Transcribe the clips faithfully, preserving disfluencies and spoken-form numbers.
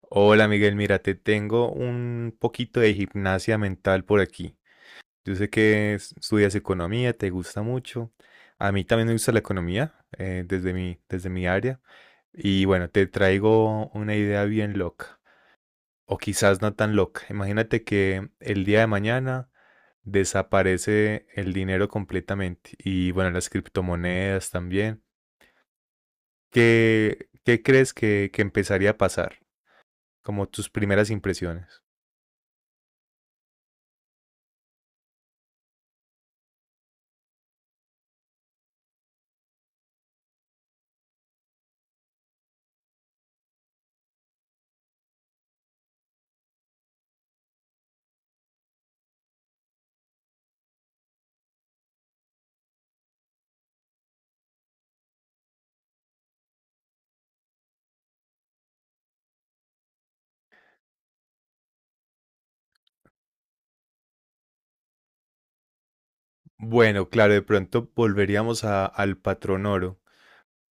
Hola Miguel, mira, te tengo un poquito de gimnasia mental por aquí. Yo sé que es- estudias economía, te gusta mucho. A mí también me gusta la economía, eh, desde mi, desde mi área. Y bueno, te traigo una idea bien loca, o quizás no tan loca. Imagínate que el día de mañana desaparece el dinero completamente y bueno, las criptomonedas también. ¿Qué, qué crees que, que empezaría a pasar? Como tus primeras impresiones. Bueno, claro, de pronto volveríamos a- al patrón oro.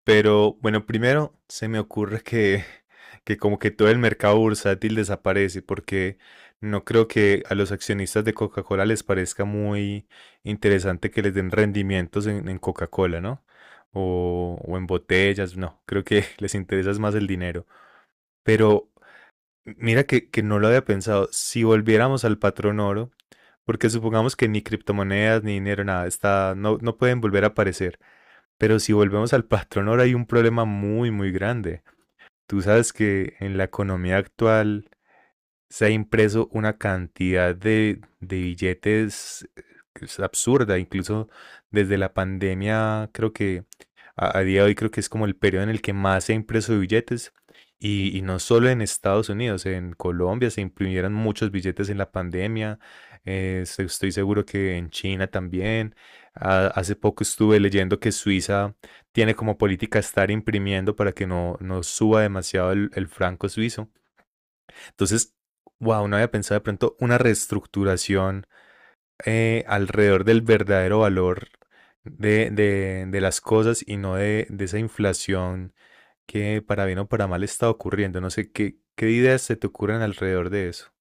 Pero bueno, primero se me ocurre que, que como que todo el mercado bursátil desaparece, porque no creo que a los accionistas de Coca-Cola les parezca muy interesante que les den rendimientos en, en Coca-Cola, ¿no? O, o en botellas, no, creo que les interesa es más el dinero. Pero mira que, que no lo había pensado, si volviéramos al patrón oro porque supongamos que ni criptomonedas, ni dinero, nada, está, no, no pueden volver a aparecer. Pero si volvemos al patrón, ahora hay un problema muy, muy grande. Tú sabes que en la economía actual se ha impreso una cantidad de, de billetes eh, que es absurda. Incluso desde la pandemia creo que a, a día de hoy creo que es como el periodo en el que más se ha impreso billetes. Y, y no solo en Estados Unidos, en Colombia se imprimieron muchos billetes en la pandemia. Eh, se- estoy seguro que en China también. Ah, hace poco estuve leyendo que Suiza tiene como política estar imprimiendo para que no, no suba demasiado el, el franco suizo. Entonces, wow, no había pensado de pronto una reestructuración eh, alrededor del verdadero valor de, de- de las cosas y no de, de esa inflación que para bien o para mal está ocurriendo. No sé qué, qué ideas se te ocurren alrededor de eso.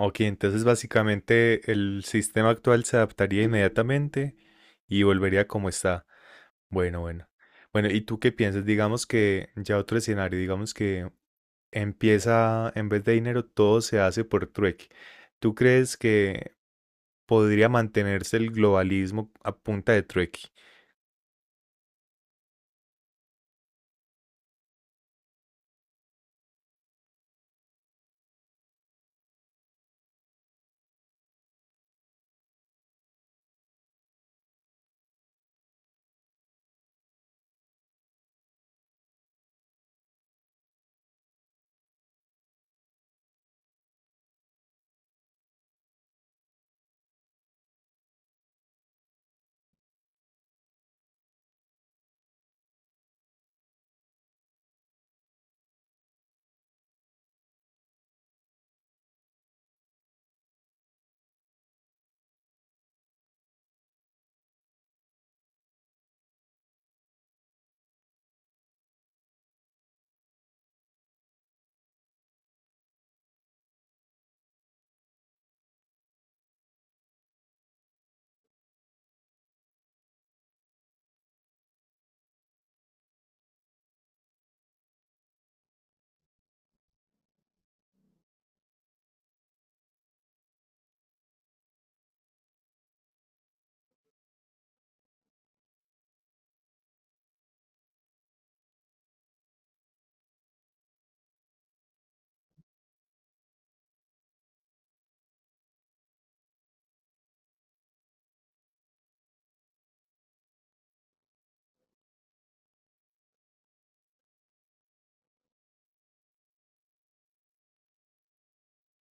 Ok, entonces básicamente el sistema actual se adaptaría inmediatamente y volvería como está. Bueno, bueno. Bueno, ¿y tú qué piensas? Digamos que ya otro escenario, digamos que empieza, en vez de dinero, todo se hace por trueque. ¿Tú crees que podría mantenerse el globalismo a punta de trueque?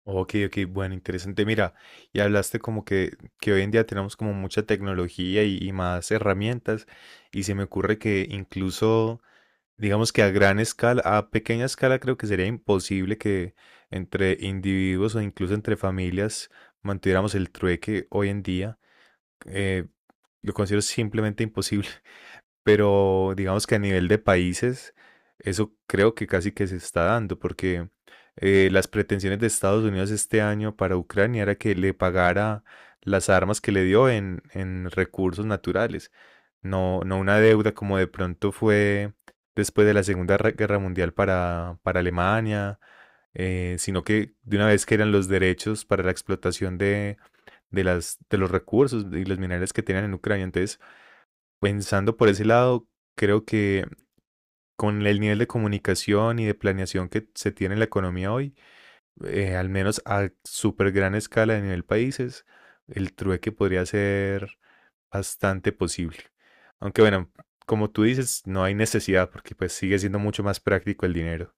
Ok, ok, bueno, interesante. Mira, y hablaste como que, que hoy en día tenemos como mucha tecnología y, y más herramientas, y se me ocurre que incluso, digamos que a gran escala, a pequeña escala, creo que sería imposible que entre individuos o incluso entre familias mantuviéramos el trueque hoy en día. Eh, lo considero simplemente imposible. Pero digamos que a nivel de países, eso creo que casi que se está dando, porque eh, las pretensiones de Estados Unidos este año para Ucrania era que le pagara las armas que le dio en, en recursos naturales, no, no una deuda como de pronto fue después de la Segunda Re- Guerra Mundial para, para Alemania, eh, sino que de una vez que eran los derechos para la explotación de, de las, de los recursos y los minerales que tenían en Ucrania. Entonces, pensando por ese lado, creo que con el nivel de comunicación y de planeación que se tiene en la economía hoy, eh, al menos a súper gran escala a nivel países, el trueque podría ser bastante posible. Aunque bueno, como tú dices, no hay necesidad porque pues sigue siendo mucho más práctico el dinero.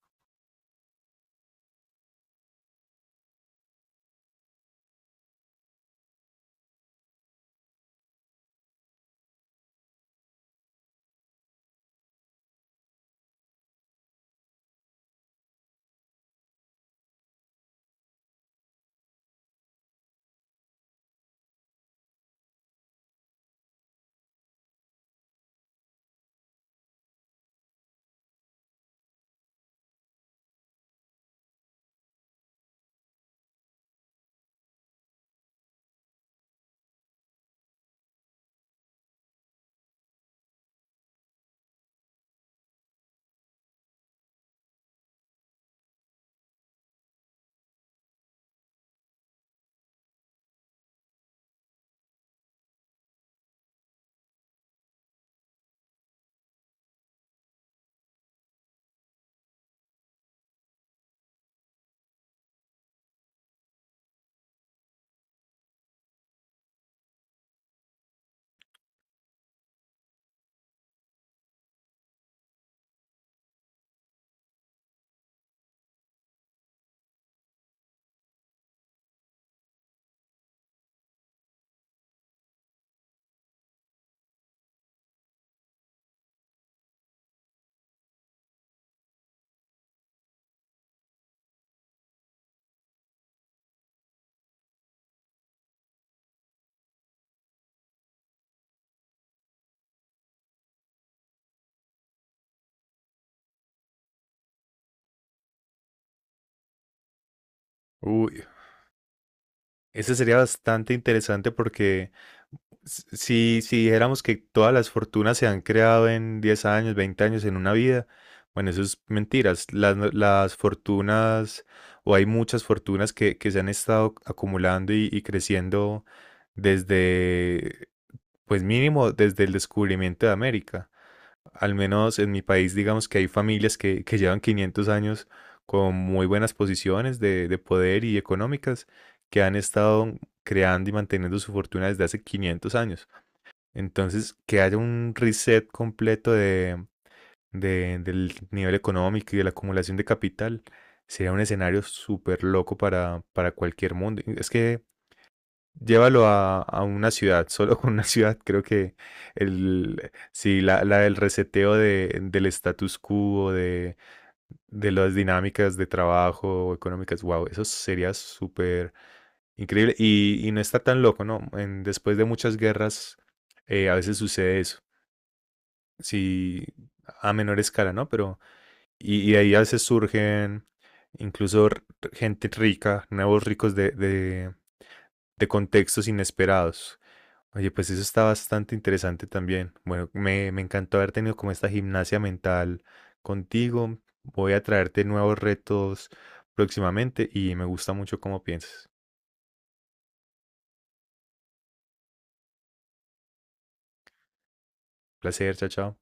Uy, ese sería bastante interesante porque Si, si dijéramos que todas las fortunas se han creado en diez años, veinte años, en una vida, bueno, eso es mentiras. Las, no- Las fortunas, o hay muchas fortunas que, que se han estado acumulando y, y creciendo desde, pues mínimo, desde el descubrimiento de América. Al menos en mi país, digamos que hay familias que, que llevan quinientos años con muy buenas posiciones de, de poder y económicas, que han estado creando y manteniendo su fortuna desde hace quinientos años. Entonces, que haya un reset completo de, de- del nivel económico y de la acumulación de capital sería un escenario súper loco para, para cualquier mundo. Es que llévalo a, a una ciudad, solo con una ciudad, creo que el, sí, la, la del reseteo de, del status quo, de, de las dinámicas de trabajo económicas, wow, eso sería súper increíble y, y no está tan loco, ¿no? En- después de muchas guerras, eh, a veces sucede eso sí, a menor escala, ¿no? Pero, y, y de ahí a veces surgen incluso r- gente rica, nuevos ricos de, de, de contextos inesperados. Oye, pues eso está bastante interesante también. Bueno, me, me encantó haber tenido como esta gimnasia mental contigo. Voy a traerte nuevos retos próximamente y me gusta mucho cómo piensas. Placer, chao, chao.